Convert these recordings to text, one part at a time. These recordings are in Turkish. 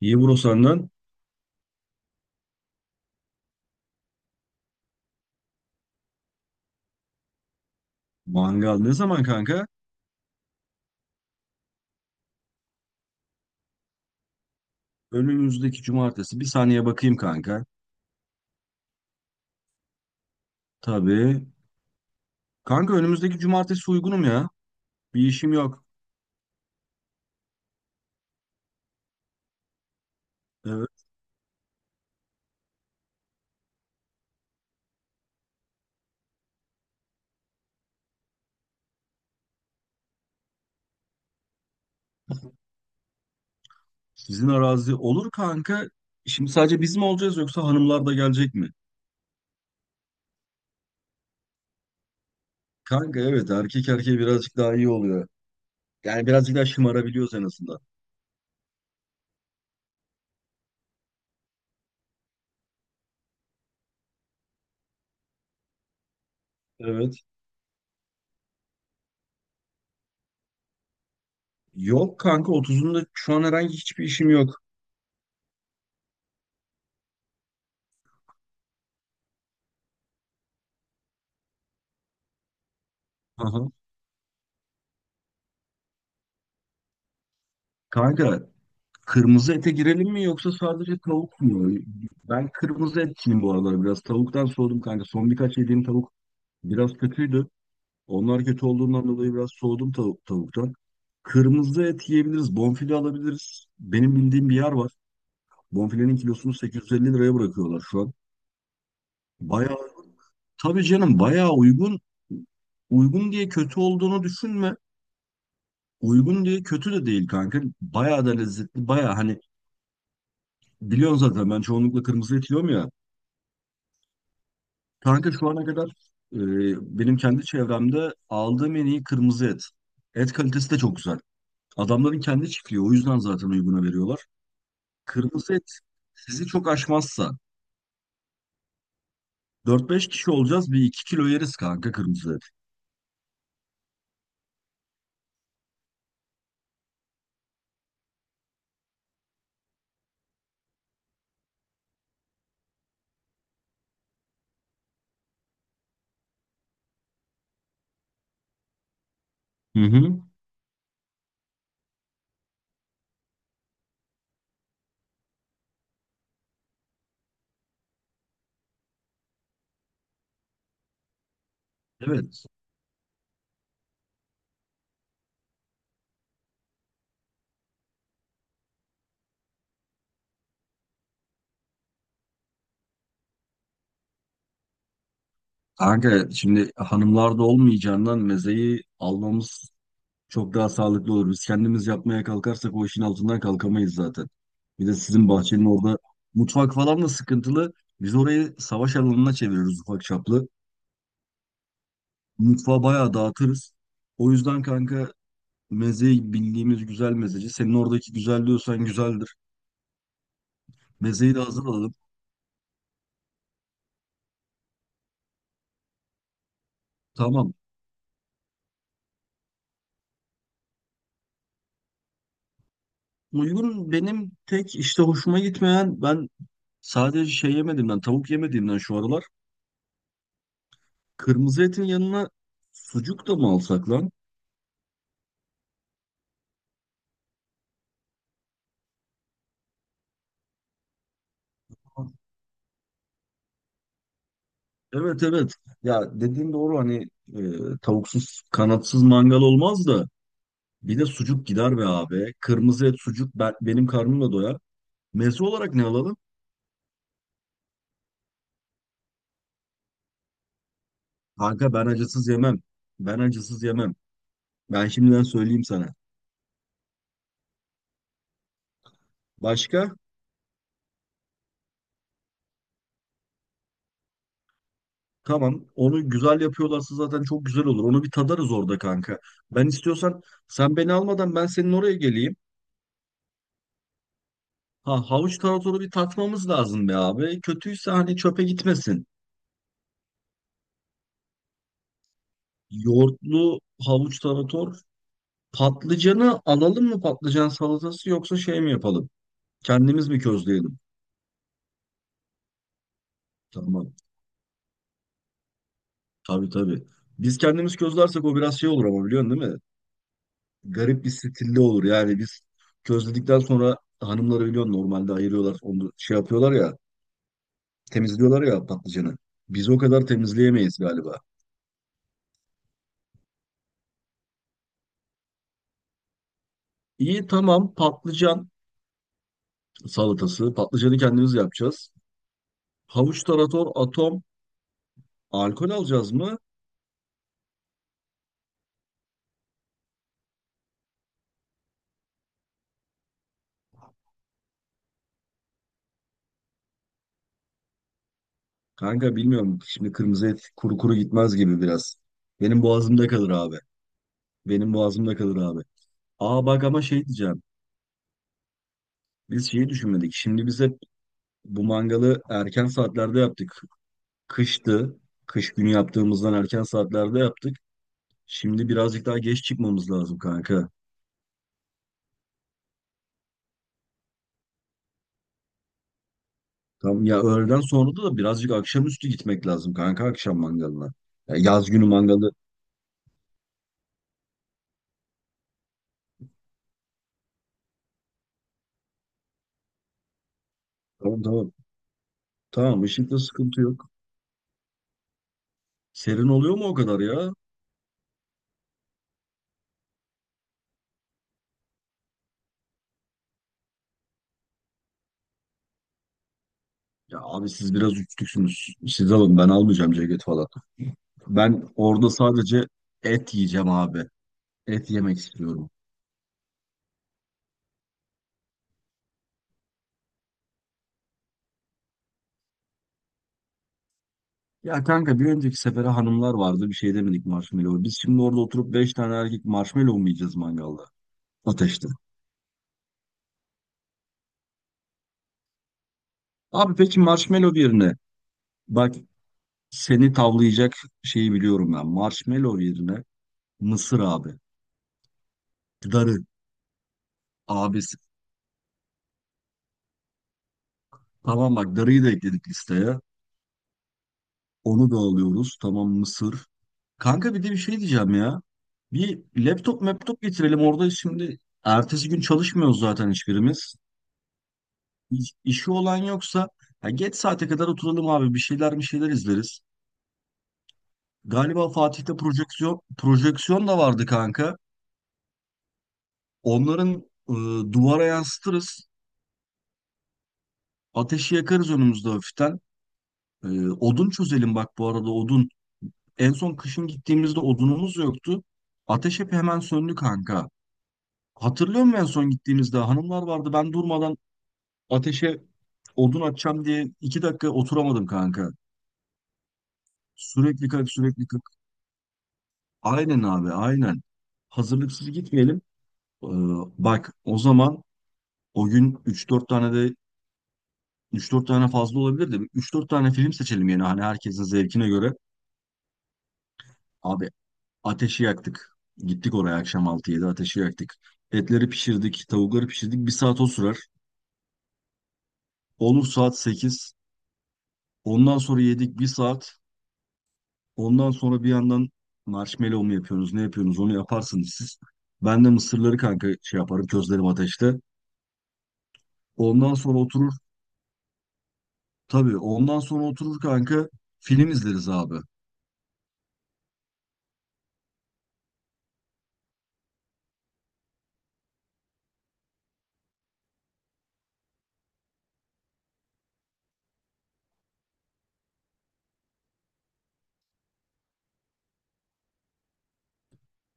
Euro senden. Mangal ne zaman kanka? Önümüzdeki cumartesi. Bir saniye bakayım kanka. Tabii. Kanka önümüzdeki cumartesi uygunum ya. Bir işim yok. Evet. Sizin arazi olur kanka. Şimdi sadece biz mi olacağız yoksa hanımlar da gelecek mi? Kanka evet erkek erkeğe birazcık daha iyi oluyor. Yani birazcık daha şımarabiliyoruz en azından. Evet. Yok kanka 30'unda şu an herhangi hiçbir işim yok. Aha. Kanka kırmızı ete girelim mi yoksa sadece tavuk mu? Ben kırmızı etçiyim bu aralar biraz. Tavuktan soğudum kanka. Son birkaç yediğim tavuk biraz kötüydü. Onlar kötü olduğundan dolayı biraz soğudum tavuktan. Kırmızı et yiyebiliriz. Bonfile alabiliriz. Benim bildiğim bir yer var. Bonfilenin kilosunu 850 liraya bırakıyorlar şu an. Bayağı, tabii canım bayağı uygun. Uygun diye kötü olduğunu düşünme. Uygun diye kötü de değil kanka. Bayağı da lezzetli. Bayağı hani biliyorsun zaten ben çoğunlukla kırmızı et yiyorum ya. Kanka şu ana kadar e, benim kendi çevremde aldığım en iyi kırmızı et. Et kalitesi de çok güzel. Adamların kendi çiftliği o yüzden zaten uyguna veriyorlar. Kırmızı et sizi çok aşmazsa 4-5 kişi olacağız bir 2 kilo yeriz kanka kırmızı et. Hı hı. Evet. Kanka şimdi hanımlar da olmayacağından mezeyi almamız çok daha sağlıklı olur. Biz kendimiz yapmaya kalkarsak o işin altından kalkamayız zaten. Bir de sizin bahçenin orada mutfak falan da sıkıntılı. Biz orayı savaş alanına çeviriyoruz ufak çaplı. Mutfağı bayağı dağıtırız. O yüzden kanka mezeyi bildiğimiz güzel mezeci. Senin oradaki güzel diyorsan güzeldir. Mezeyi de hazırladım. Tamam. Uygun benim tek işte hoşuma gitmeyen ben sadece şey yemediğimden tavuk yemediğimden şu aralar. Kırmızı etin yanına sucuk da mı alsak lan? Evet evet. Ya dediğin doğru hani e, tavuksuz kanatsız mangal olmaz da bir de sucuk gider be abi. Kırmızı et sucuk benim karnımla doyar. Meze olarak ne alalım? Kanka ben acısız yemem. Ben acısız yemem. Ben şimdiden söyleyeyim sana. Başka? Tamam. Onu güzel yapıyorlarsa zaten çok güzel olur. Onu bir tadarız orada kanka. Ben istiyorsan sen beni almadan ben senin oraya geleyim. Ha havuç taratoru bir tatmamız lazım be abi. Kötüyse hani çöpe gitmesin. Yoğurtlu havuç tarator. Patlıcanı alalım mı patlıcan salatası yoksa şey mi yapalım? Kendimiz mi közleyelim? Tamam. Tabii tabii. Biz kendimiz közlersek o biraz şey olur ama biliyorsun değil mi? Garip bir stilli olur. Yani biz közledikten sonra hanımları biliyorsun normalde ayırıyorlar. Onu şey yapıyorlar ya temizliyorlar ya patlıcanı. Biz o kadar temizleyemeyiz galiba. İyi tamam patlıcan salatası. Patlıcanı kendimiz yapacağız. Havuç, tarator, atom. Alkol alacağız mı? Kanka bilmiyorum. Şimdi kırmızı et kuru kuru gitmez gibi biraz. Benim boğazımda kalır abi. Benim boğazımda kalır abi. Aa bak ama şey diyeceğim. Biz şeyi düşünmedik. Şimdi biz hep bu mangalı erken saatlerde yaptık. Kıştı. Kış günü yaptığımızdan erken saatlerde yaptık. Şimdi birazcık daha geç çıkmamız lazım kanka. Tam ya öğleden sonra da birazcık akşamüstü gitmek lazım kanka akşam mangalına. Ya yaz günü mangalı. Tamam tamam. Tamam ışıkta sıkıntı yok. Serin oluyor mu o kadar ya? Ya abi siz biraz uçtuksünüz. Siz alın ben almayacağım ceket falan. Ben orada sadece et yiyeceğim abi. Et yemek istiyorum. Ya kanka bir önceki sefere hanımlar vardı bir şey demedik marshmallow. Biz şimdi orada oturup 5 tane erkek marshmallow mu yiyeceğiz mangalda? Ateşte. Abi peki marshmallow yerine bak seni tavlayacak şeyi biliyorum ben. Marshmallow yerine mısır abi. Darı abi. Tamam bak darıyı da ekledik listeye. Onu da alıyoruz. Tamam mısır. Kanka bir de bir şey diyeceğim ya. Bir laptop getirelim orada şimdi ertesi gün çalışmıyoruz zaten hiçbirimiz. İşi olan yoksa ya geç saate kadar oturalım abi bir şeyler izleriz. Galiba Fatih'te projeksiyon da vardı kanka. Onların e, duvara yansıtırız. Ateşi yakarız önümüzde hafiften. Odun çözelim bak bu arada odun. En son kışın gittiğimizde odunumuz yoktu. Ateş hep hemen söndü kanka. Hatırlıyor musun en son gittiğimizde hanımlar vardı ben durmadan ateşe odun atacağım diye iki dakika oturamadım kanka. Sürekli kalk sürekli kalk. Aynen abi aynen. Hazırlıksız gitmeyelim. Ee, Bak o zaman o gün üç dört tane de üç dört tane fazla olabilir de üç dört tane film seçelim yani hani herkesin zevkine göre. Abi ateşi yaktık. Gittik oraya akşam altı yedi ateşi yaktık. Etleri pişirdik, tavukları pişirdik. Bir saat o sürer. Olur saat sekiz. Ondan sonra yedik bir saat. Ondan sonra bir yandan marshmallow mu yapıyorsunuz, ne yapıyorsunuz onu yaparsınız siz. Ben de mısırları kanka şey yaparım, közlerim ateşte. Ondan sonra oturur, tabii ondan sonra oturur kanka film izleriz abi.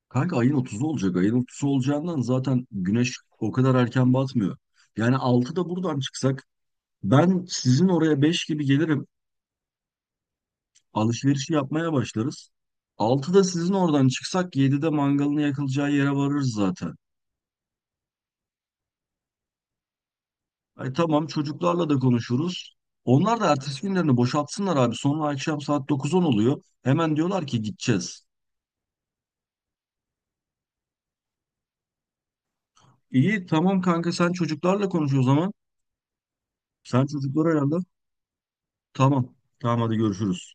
Kanka ayın 30'u olacak. Ayın 30'u olacağından zaten güneş o kadar erken batmıyor. Yani altıda buradan çıksak ben sizin oraya 5 gibi gelirim. Alışverişi yapmaya başlarız. Altıda sizin oradan çıksak 7'de mangalını yakılacağı yere varırız zaten. Ay tamam çocuklarla da konuşuruz. Onlar da ertesi günlerini boşaltsınlar abi. Sonra akşam saat dokuz on oluyor. Hemen diyorlar ki gideceğiz. İyi tamam kanka sen çocuklarla konuş o zaman. Sen çocuklara ayarla. Tamam. Tamam hadi görüşürüz.